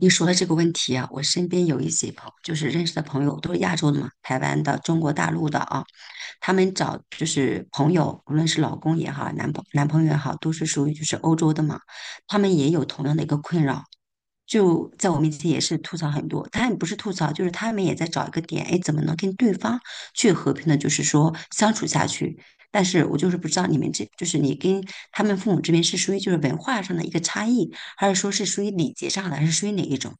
你说的这个问题啊，我身边有一些就是认识的朋友，都是亚洲的嘛，台湾的、中国大陆的啊，他们找就是朋友，无论是老公也好，男朋友也好，都是属于就是欧洲的嘛，他们也有同样的一个困扰，就在我面前也是吐槽很多，他们不是吐槽，就是他们也在找一个点，哎，怎么能跟对方去和平的，就是说相处下去。但是我就是不知道你们这，就是你跟他们父母这边是属于就是文化上的一个差异，还是说是属于礼节上的，还是属于哪一种？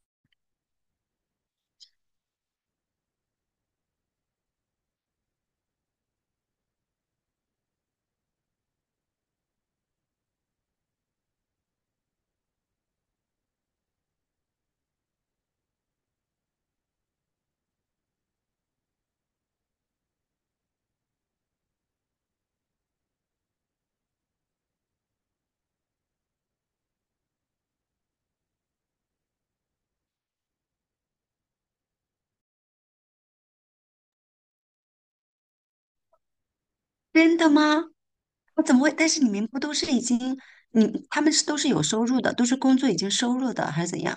真的吗？我怎么会？但是你们不都是已经，他们是都是有收入的，都是工作已经收入的，还是怎样？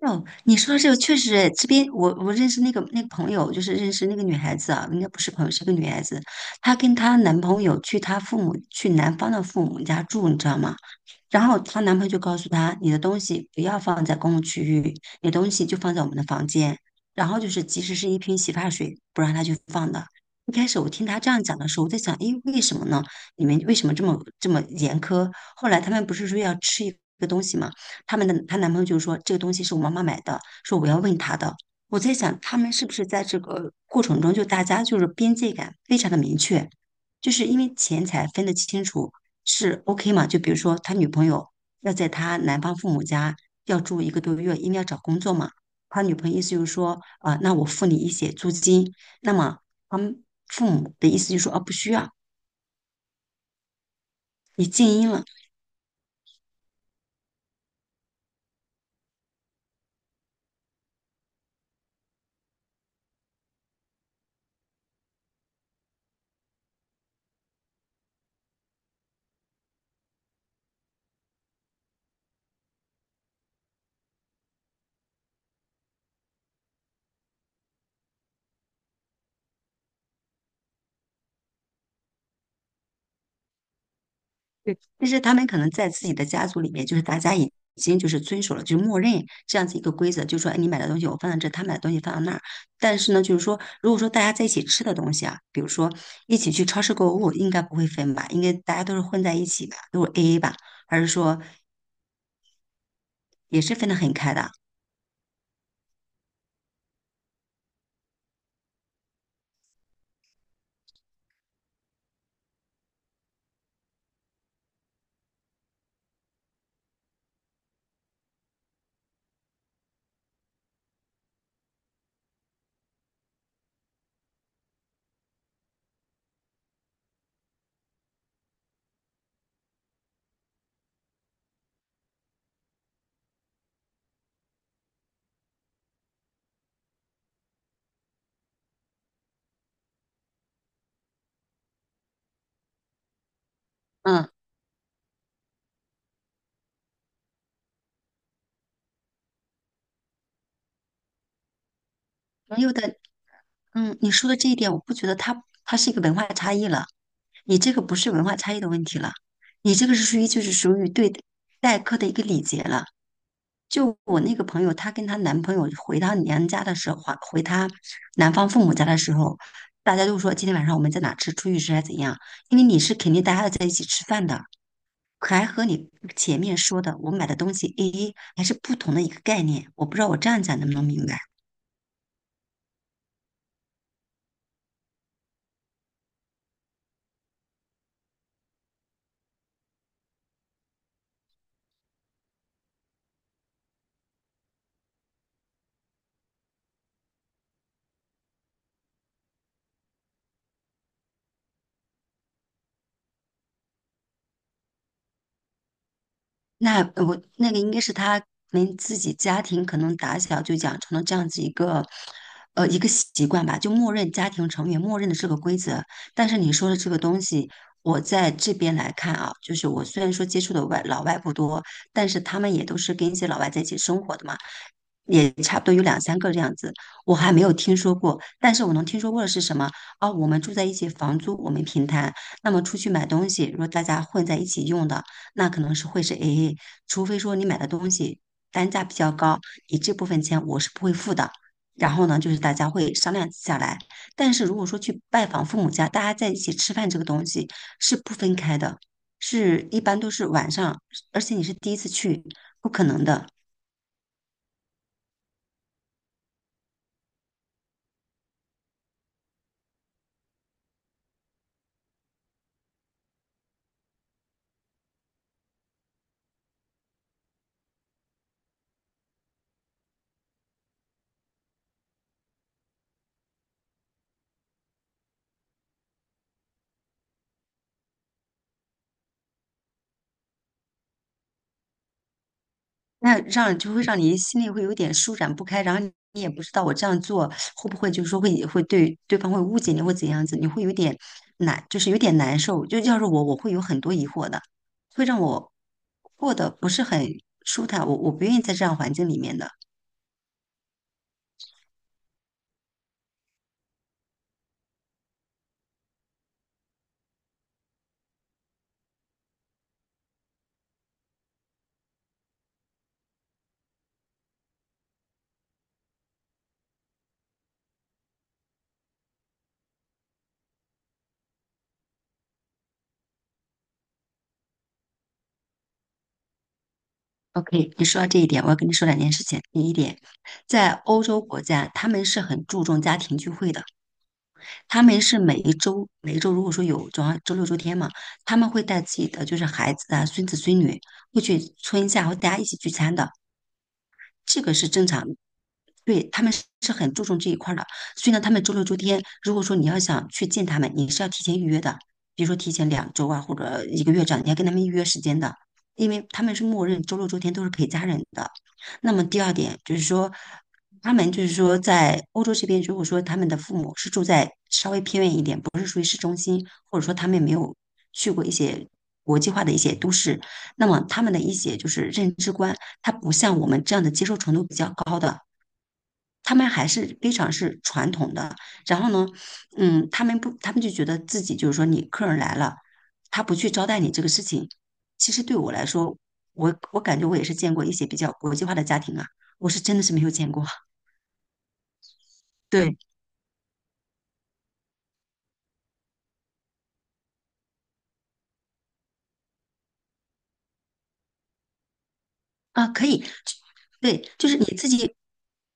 哦，你说这个确实诶，这边我认识那个朋友，就是认识那个女孩子啊，应该不是朋友，是个女孩子，她跟她男朋友去男方的父母家住，你知道吗？然后她男朋友就告诉她，你的东西不要放在公共区域，你的东西就放在我们的房间。然后就是，即使是一瓶洗发水，不让她去放的。一开始我听她这样讲的时候，我在想，诶，为什么呢？你们为什么这么严苛？后来他们不是说要吃一个东西吗？他们的她男朋友就说这个东西是我妈妈买的，说我要问她的。我在想，他们是不是在这个过程中，就大家就是边界感非常的明确，就是因为钱财分得清楚，是 OK 嘛？就比如说他女朋友要在他男方父母家要住一个多月，因为要找工作嘛。他女朋友意思就是说，啊、那我付你一些租金。那么他们父母的意思就是说，啊，不需要，你静音了。但是他们可能在自己的家族里面，就是大家已经就是遵守了，就是默认这样子一个规则，就说哎你买的东西我放在这，他买的东西放到那儿。但是呢，就是说，如果说大家在一起吃的东西啊，比如说一起去超市购物，应该不会分吧？应该大家都是混在一起吧，都是 AA 吧？还是说也是分得很开的？嗯，朋友的你说的这一点，我不觉得它是一个文化差异了。你这个不是文化差异的问题了，你这个是属于对待客的一个礼节了。就我那个朋友，她跟她男朋友回她娘家的时候，还回她男方父母家的时候，大家都说今天晚上我们在哪吃，出去吃还是怎样？因为你是肯定大家要在一起吃饭的，可还和你前面说的我买的东西 A A 还是不同的一个概念。我不知道我这样讲能不能明白。那我那个应该是他们自己家庭可能打小就养成了这样子一个，一个习惯吧，就默认家庭成员默认的这个规则。但是你说的这个东西，我在这边来看啊，就是我虽然说接触的外老外不多，但是他们也都是跟一些老外在一起生活的嘛。也差不多有两三个这样子，我还没有听说过。但是我能听说过的是什么？哦，我们住在一起，房租我们平摊。那么出去买东西，如果大家混在一起用的，那可能是会是 AA，除非说你买的东西单价比较高，你这部分钱我是不会付的。然后呢，就是大家会商量下来。但是如果说去拜访父母家，大家在一起吃饭这个东西是不分开的，是一般都是晚上，而且你是第一次去，不可能的。那让就会让你心里会有点舒展不开，然后你也不知道我这样做会不会就是说会对对方会误解你或怎样子，你会有点难，就是有点难受。就要是我，我会有很多疑惑的，会让我过得不是很舒坦。我不愿意在这样环境里面的。OK，你说到这一点，我要跟你说两件事情。第一点，在欧洲国家，他们是很注重家庭聚会的。他们是每一周，每一周如果说有周二、周六、周天嘛，他们会带自己的就是孩子啊、孙子孙女，会去村下，会大家一起聚餐的，这个是正常。对，他们是很注重这一块儿的，所以呢，他们周六、周天，如果说你要想去见他们，你是要提前预约的，比如说提前两周啊，或者一个月这样，你要跟他们预约时间的，因为他们是默认周六、周天都是陪家人的。那么第二点就是说，他们就是说在欧洲这边，如果说他们的父母是住在稍微偏远一点。或者说他们也没有去过一些国际化的一些都市，那么他们的一些就是认知观，他不像我们这样的接受程度比较高的，他们还是非常是传统的。然后呢，他们不，他们就觉得自己就是说你客人来了，他不去招待你这个事情，其实对我来说，我感觉我也是见过一些比较国际化的家庭啊，我是真的是没有见过。对，啊，可以，对，就是你自己，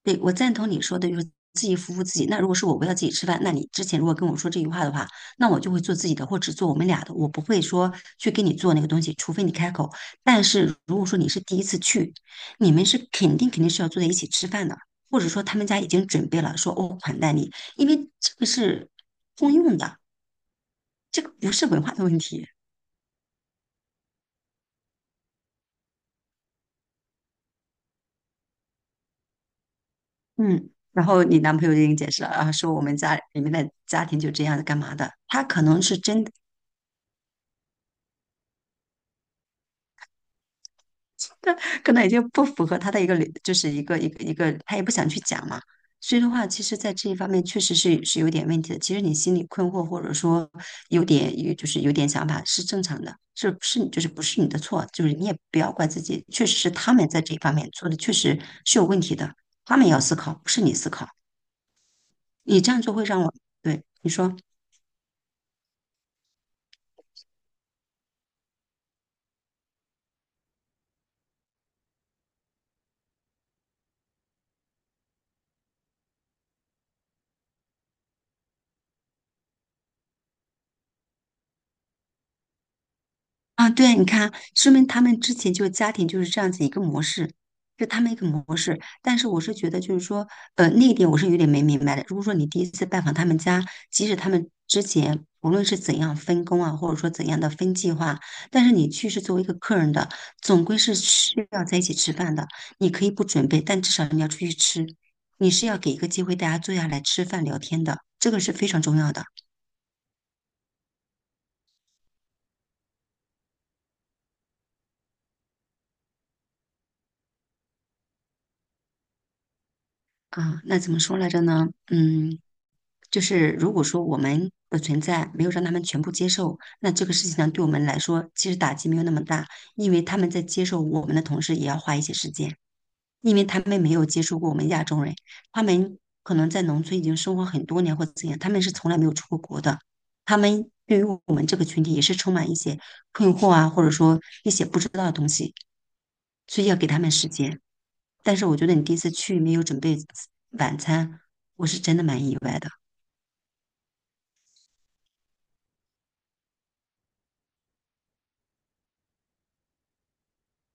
对，我赞同你说的，就是自己服务自己。那如果是我我要自己吃饭，那你之前如果跟我说这句话的话，那我就会做自己的，或只做我们俩的，我不会说去给你做那个东西，除非你开口。但是如果说你是第一次去，你们是肯定肯定是要坐在一起吃饭的，或者说他们家已经准备了，说哦款待你，因为这个是通用的，这个不是文化的问题。嗯，然后你男朋友就给你解释了，啊，说我们家里面的家庭就这样子干嘛的，他可能是真的，可能已经不符合他的一个理，就是一个一个一个，他也不想去讲嘛。所以的话，其实，在这一方面确实是有点问题的。其实你心里困惑，或者说有点有就是有点想法是正常的，就是不是你的错，就是你也不要怪自己，确实是他们在这一方面做的确实是有问题的，他们也要思考，不是你思考，你这样做会让我，对，你说。啊，对，你看，说明他们之前就家庭就是这样子一个模式，就他们一个模式。但是我是觉得，就是说，那一点我是有点没明白的。如果说你第一次拜访他们家，即使他们之前无论是怎样分工啊，或者说怎样的分计划，但是你去是作为一个客人的，总归是需要在一起吃饭的。你可以不准备，但至少你要出去吃，你是要给一个机会大家坐下来吃饭聊天的，这个是非常重要的啊。那怎么说来着呢？嗯。就是如果说我们的存在没有让他们全部接受，那这个事情呢，对我们来说其实打击没有那么大，因为他们在接受我们的同时，也要花一些时间，因为他们没有接触过我们亚洲人，他们可能在农村已经生活很多年或怎样，他们是从来没有出过国的，他们对于我们这个群体也是充满一些困惑啊，或者说一些不知道的东西，所以要给他们时间。但是我觉得你第一次去没有准备晚餐，我是真的蛮意外的。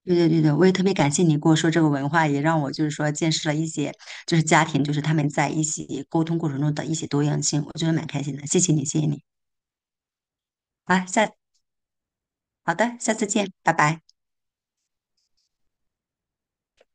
对对对对，我也特别感谢你跟我说这个文化，也让我就是说见识了一些，就是家庭，就是他们在一起沟通过程中的一些多样性，我觉得蛮开心的。谢谢你，谢谢你。好，下，好的，下次见，拜拜。